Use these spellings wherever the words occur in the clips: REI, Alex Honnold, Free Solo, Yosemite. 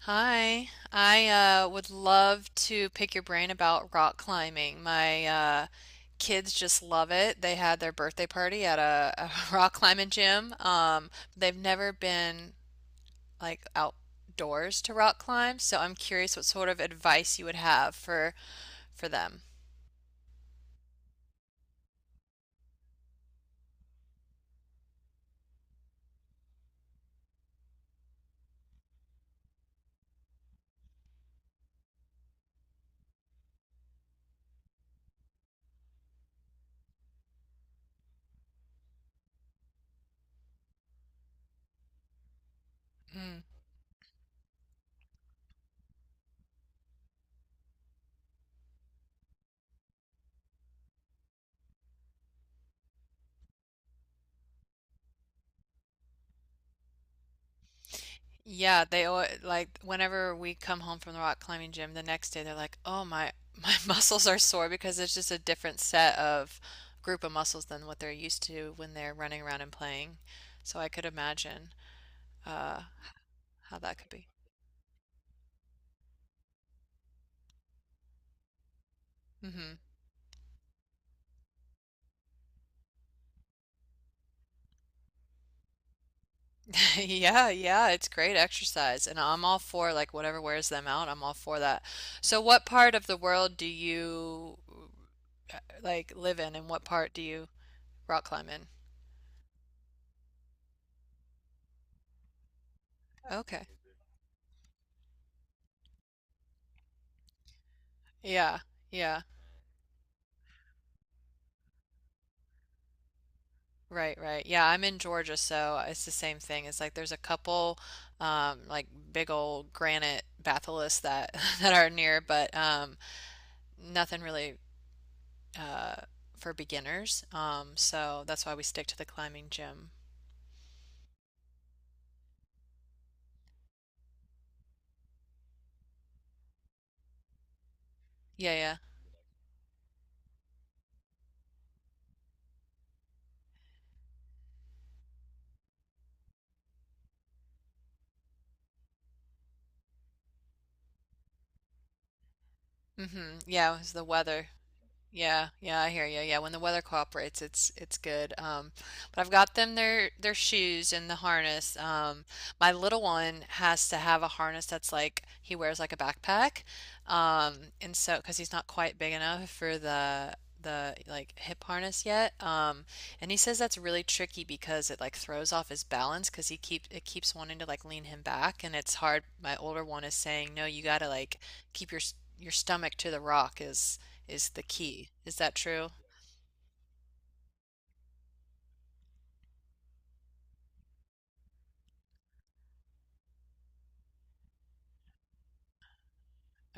Hi, I would love to pick your brain about rock climbing. My kids just love it. They had their birthday party at a rock climbing gym. They've never been like outdoors to rock climb, so I'm curious what sort of advice you would have for them. Mm. Yeah, they al like whenever we come home from the rock climbing gym the next day, they're like, "Oh my, my muscles are sore because it's just a different set of group of muscles than what they're used to when they're running around and playing." So I could imagine uh, how that could be. hmm Yeah, yeah, it's great exercise, and I'm all for like whatever wears them out. I'm all for that. So, what part of the world do you like live in, and what part do you rock climb in? Okay. Yeah, yeah. Right, right. Yeah, I'm in Georgia, so it's the same thing. It's like there's a couple like big old granite batholiths that that are near, but nothing really uh for beginners. So that's why we stick to the climbing gym. Yeah, yeah. Yeah, it was the weather. Yeah, yeah, I hear you. Yeah, when the weather cooperates, it's good. But I've got them their shoes and the harness. My little one has to have a harness that's like he wears like a backpack. Um, and so because he's not quite big enough for the like hip harness yet. And he says that's really tricky because it like throws off his balance because he keeps wanting to like lean him back and it's hard. My older one is saying, "No, you gotta like keep your your stomach to the rock is the key. Is that true?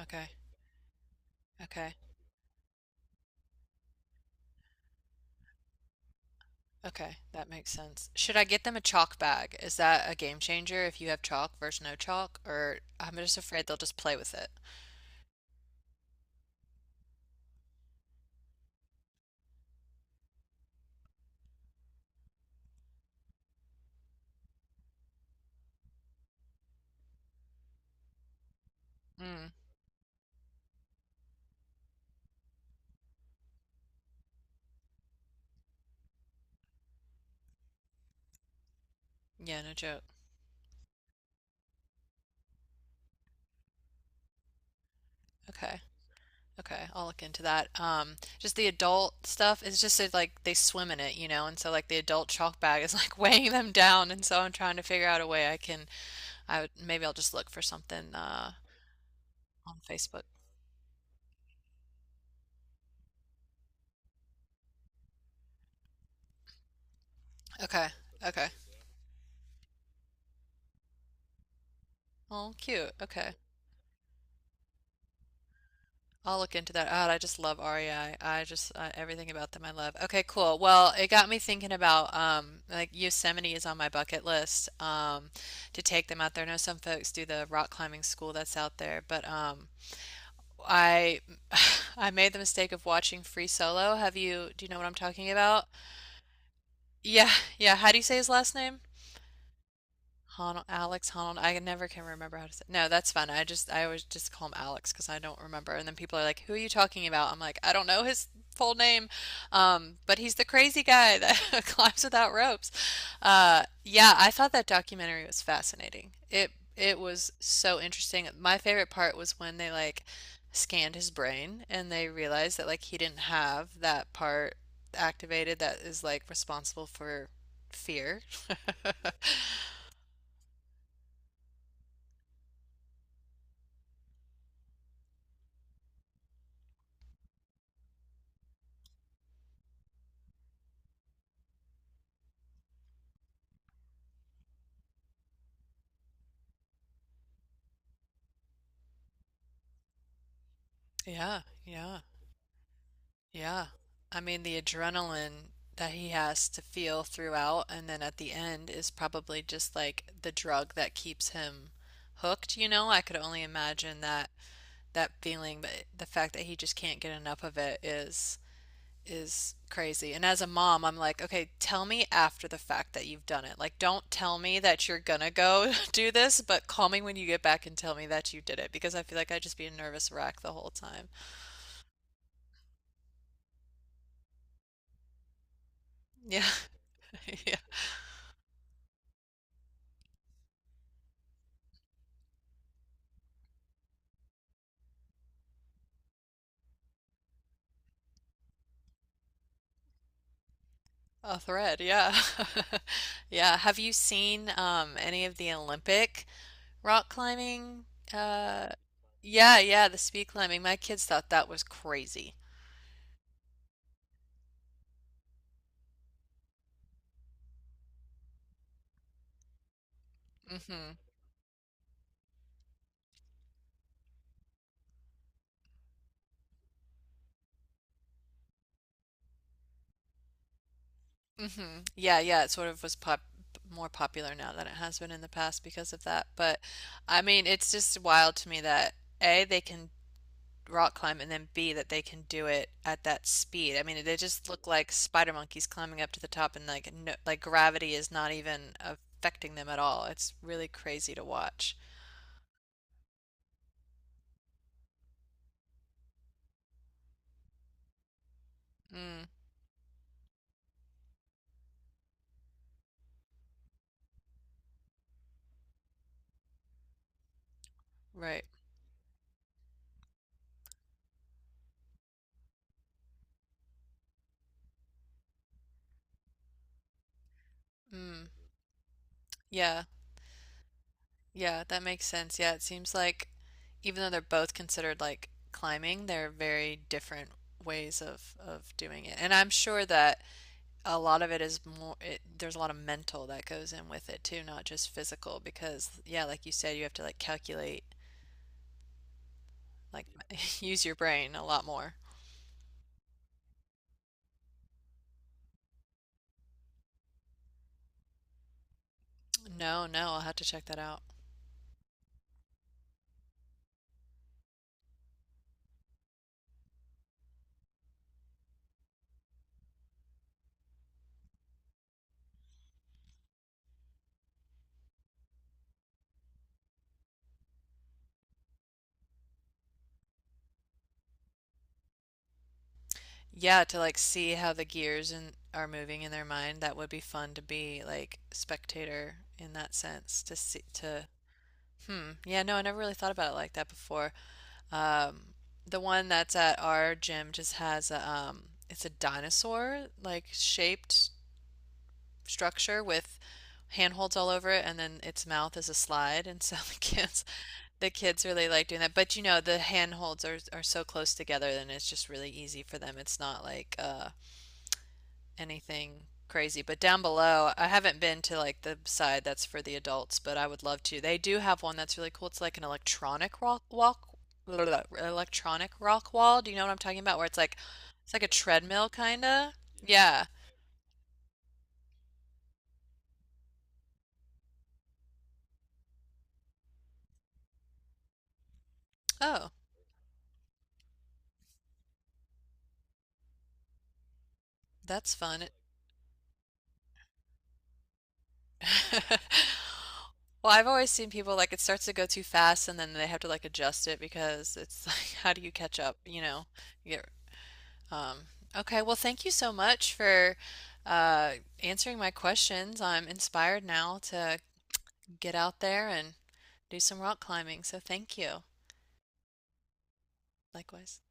Okay. Okay. Okay. That makes sense. Should I get them a chalk bag? Is that a game changer if you have chalk versus no chalk? Or I'm just afraid they'll just play with it. Mm. Yeah, no joke. Okay. Okay. I'll look into that. Just the adult stuff is just that, like they swim in it, and so like the adult chalk bag is like weighing them down, and so I'm trying to figure out a way I would maybe I'll just look for something on Facebook. Okay. Okay. Oh, cute. Okay. I'll look into that. God, I just love REI. I just everything about them I love. Okay, cool. Well, it got me thinking about like Yosemite is on my bucket list to take them out there. I know some folks do the rock climbing school that's out there, but I I made the mistake of watching Free Solo. Have you do you know what I'm talking about? Yeah, yeah. How do you say his last name? Honnold, Alex Honnold. I never can remember how to say. No, that's fine. I always just call him Alex because I don't remember. And then people are like, "Who are you talking about?" I'm like, "I don't know his full name," but he's the crazy guy that climbs without ropes. Yeah, I thought that documentary was fascinating. It was so interesting. My favorite part was when they like scanned his brain and they realized that like he didn't have that part activated that is like responsible for fear. Yeah, yeah, yeah. I mean, the adrenaline that he has to feel throughout and then at the end is probably just like the drug that keeps him hooked, you know? I could only imagine that feeling, but the fact that he just can't get enough of it is crazy. And as a mom, I'm like, okay, tell me after the fact that you've done it. Like, don't tell me that you're gonna go do this, but call me when you get back and tell me that you did it because I feel like I'd just be a nervous wreck the whole time. Yeah. yeah. A thread, yeah. Yeah. Have you seen any of the Olympic rock climbing? Uh yeah, yeah, the speed climbing. My kids thought that was crazy. hmm Yeah, yeah, it sort of was pop more popular now than it has been in the past because of that. But I mean, it's just wild to me that A, they can rock climb and then B that they can do it at that speed. I mean, they just look like spider monkeys climbing up to the top and like no, like gravity is not even affecting them at all. It's really crazy to watch. Mm, right. Mm, yeah. Yeah, that makes sense. Yeah, it seems like even though they're both considered like climbing, they're very different ways of doing it. And I'm sure that a lot of it is there's a lot of mental that goes in with it too, not just physical because yeah, like you said, you have to like calculate, like use your brain a lot more. No, no, I'll have to check that out. Yeah, to like see how the gears and are moving in their mind, that would be fun to be like spectator in that sense to see to hmm. Yeah, no, I never really thought about it like that before. Um, the one that's at our gym just has a it's a dinosaur like shaped structure with handholds all over it and then its mouth is a slide and so the kids really like doing that, but you know the handholds are so close together then it's just really easy for them. It's not like anything crazy, but down below I haven't been to like the side that's for the adults, but I would love to. They do have one that's really cool. It's like an electronic rock wall. Do you know what I'm talking about, where it's like a treadmill kinda, yeah. Oh, that's fun. Well, I've always seen people like it starts to go too fast and then they have to like adjust it because it's like how do you catch up, you know? You get um okay, well thank you so much for uh answering my questions. I'm inspired now to get out there and do some rock climbing. So thank you. Likewise.